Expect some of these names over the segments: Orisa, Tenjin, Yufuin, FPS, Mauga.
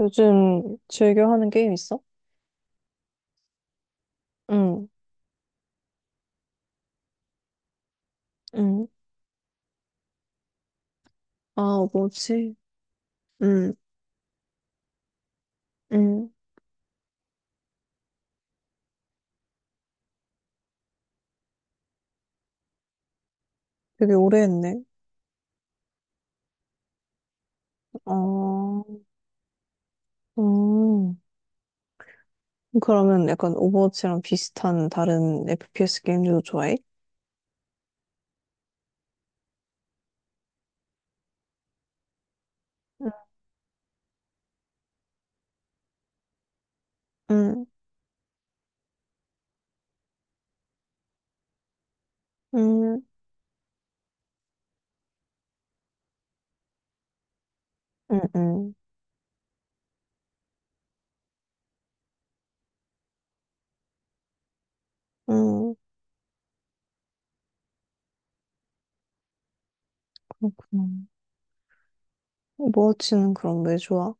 요즘 즐겨 하는 게임 있어? 응, 응. 아, 뭐지? 응, 응. 되게 오래 했네. 어, 음. 그러면 약간 오버워치랑 비슷한 다른 FPS 게임들도 좋아해? 응, 응, 응, 응, 응. 그렇구나. 오버워치는 그럼 왜 좋아?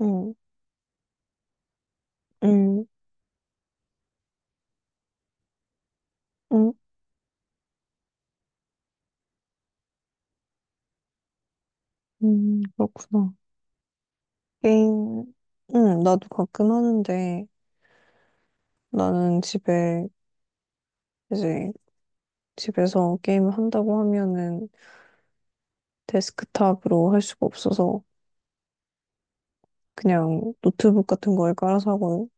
응, 응, 응, 응. 그렇구나. 게임, 응, 나도 가끔 하는데, 나는 집에 이제 집에서 게임을 한다고 하면은 데스크탑으로 할 수가 없어서 그냥 노트북 같은 거에 깔아서 하고.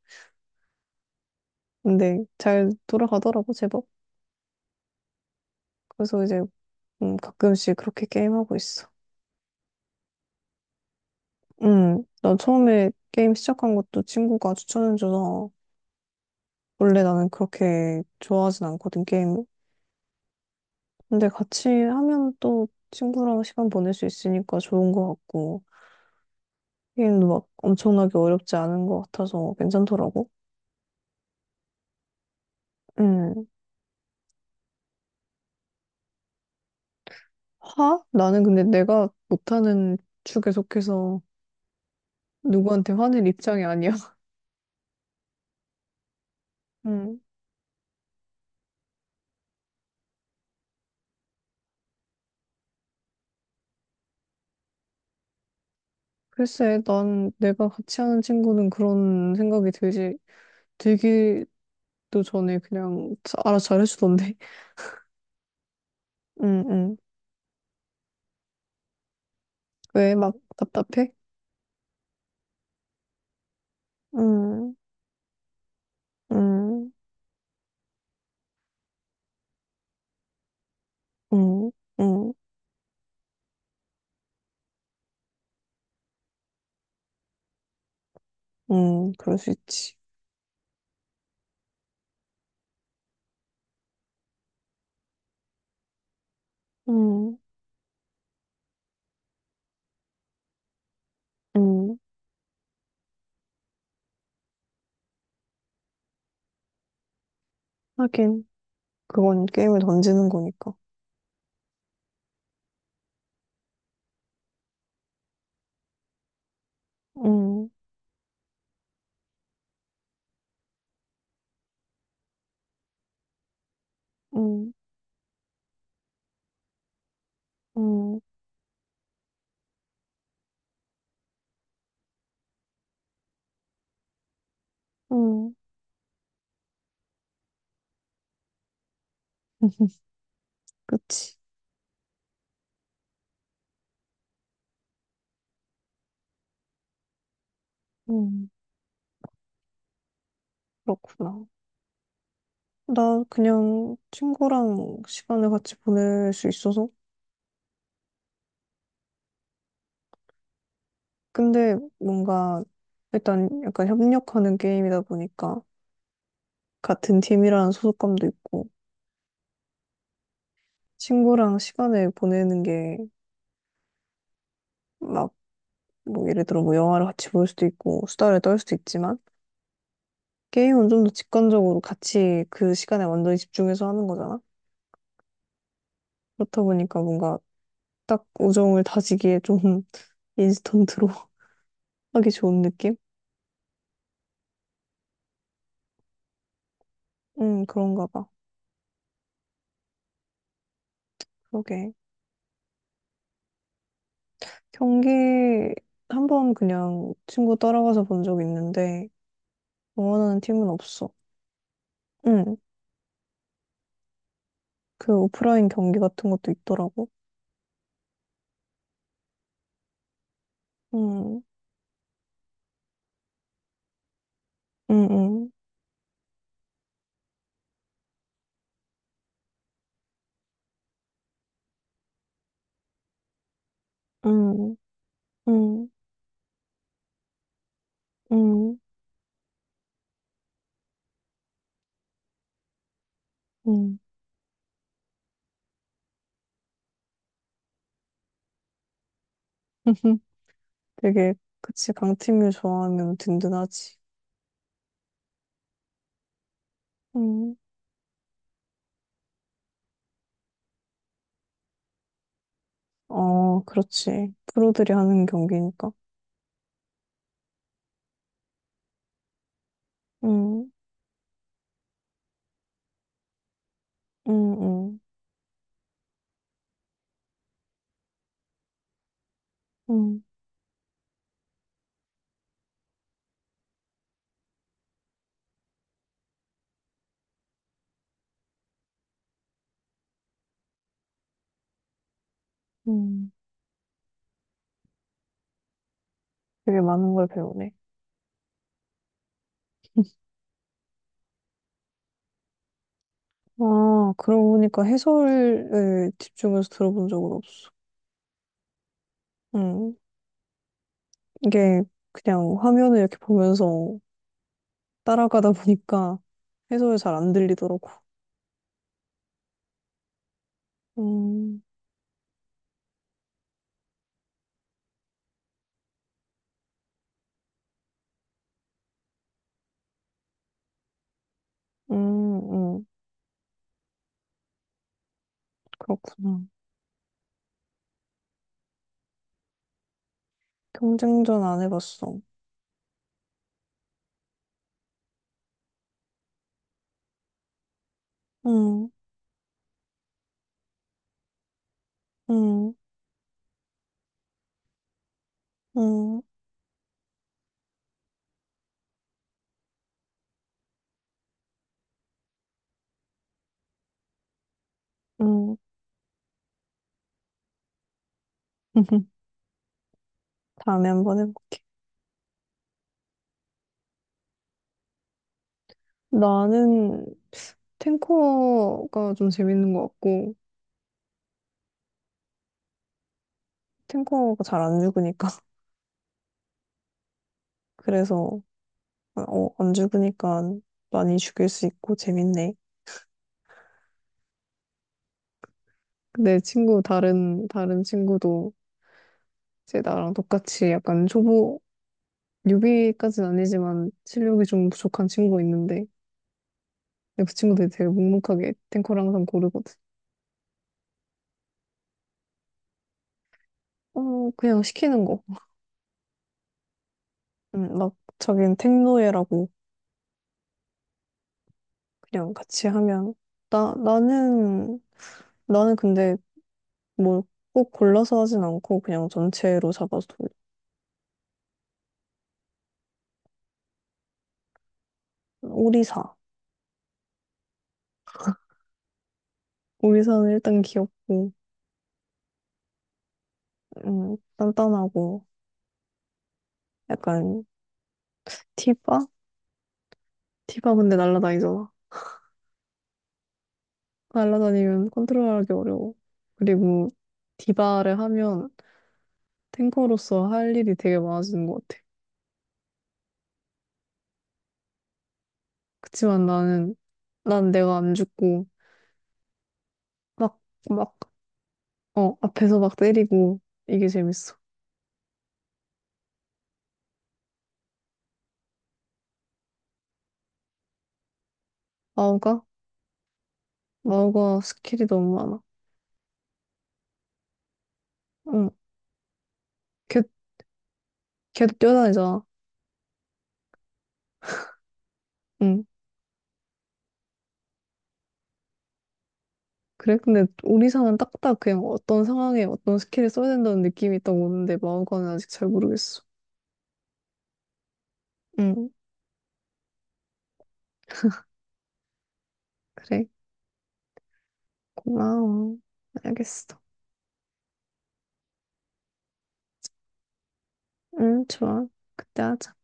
근데 잘 돌아가더라고 제법. 그래서 이제 가끔씩 그렇게 게임하고 있어. 난 처음에 게임 시작한 것도 친구가 추천해줘서. 원래 나는 그렇게 좋아하진 않거든 게임을. 근데 같이 하면 또 친구랑 시간 보낼 수 있으니까 좋은 것 같고. 게임도 막 엄청나게 어렵지 않은 것 같아서 괜찮더라고. 음. 화? 나는 근데 내가 못하는 축에 속해서 누구한테 화낼 입장이 아니야. 음. 글쎄, 난 내가 같이 하는 친구는 그런 생각이 들지, 들기도 전에 그냥 알아서 잘해주던데. 응, 응. 왜 막 답답해? 응, 응, 응, 응, 응. 그럴 수 있지. 응, 응. 하긴, 그건 게임을 던지는 거니까. 응, 응, 응, 응. 그치. 응. 그렇구나. 나 그냥 친구랑 시간을 같이 보낼 수 있어서. 근데 뭔가 일단 약간 협력하는 게임이다 보니까 같은 팀이라는 소속감도 있고 친구랑 시간을 보내는 게 막 뭐 예를 들어 뭐 영화를 같이 볼 수도 있고 수다를 떨 수도 있지만 게임은 좀 더 직관적으로 같이 그 시간에 완전히 집중해서 하는 거잖아. 그렇다 보니까 뭔가 딱 우정을 다지기에 좀 인스턴트로 하기 좋은 느낌? 그런가 봐. 그러게. 경기 한 번 그냥 친구 따라가서 본 적 있는데 응원하는 팀은 없어. 응. 그 오프라인 경기 같은 것도 있더라고. 응. 응. 응. 응. 응. 응. 응. 되게 그치 강팀을 좋아하면 든든하지. 응. 어, 그렇지. 프로들이 하는 경기니까. 응. 응. 응. 응. 응. 되게 많은 걸 배우네. 아, 그러고 보니까 해설을 집중해서 들어본 적은 없어. 음, 이게 그냥 화면을 이렇게 보면서 따라가다 보니까 해설이 잘 안 들리더라고. 음, 음, 음, 그렇구나. 경쟁전 안 해봤어. 음, 음, 음, 음. 다음에 한번 해볼게. 나는 탱커가 좀 재밌는 것 같고, 탱커가 잘 안 죽으니까. 그래서, 어, 안 죽으니까 많이 죽일 수 있고 재밌네. 내 친구, 다른 친구도 제 나랑 똑같이 약간 초보 뉴비까지는 아니지만 실력이 좀 부족한 친구가 있는데 근데 그 친구들이 되게 묵묵하게 탱커를 항상 고르거든. 어 그냥 시키는 거. 막 자기는 탱노예라고. 그냥 같이 하면 나 나는 근데 뭐 꼭 골라서 하진 않고 그냥 전체로 잡아서 돌려. 오리사. 오리사는 일단 귀엽고 단단하고 약간. 티바. 티바 근데 날라다니잖아. 날라다니면 컨트롤하기 어려워. 그리고 디바를 하면 탱커로서 할 일이 되게 많아지는 것 같아. 그치만 나는, 난 내가 안 죽고, 막, 막, 어, 앞에서 막 때리고, 이게 재밌어. 마우가? 마우가 스킬이 너무 많아. 응. 걔, 걔도 뛰어다니잖아. 응. 그래? 근데 우리상은 딱딱 그냥 어떤 상황에 어떤 스킬을 써야 된다는 느낌이 딱 오는데, 마우가는 아직 잘 모르겠어. 응. 그래. 고마워. 알겠어. 응, 좋아. 그때 하자.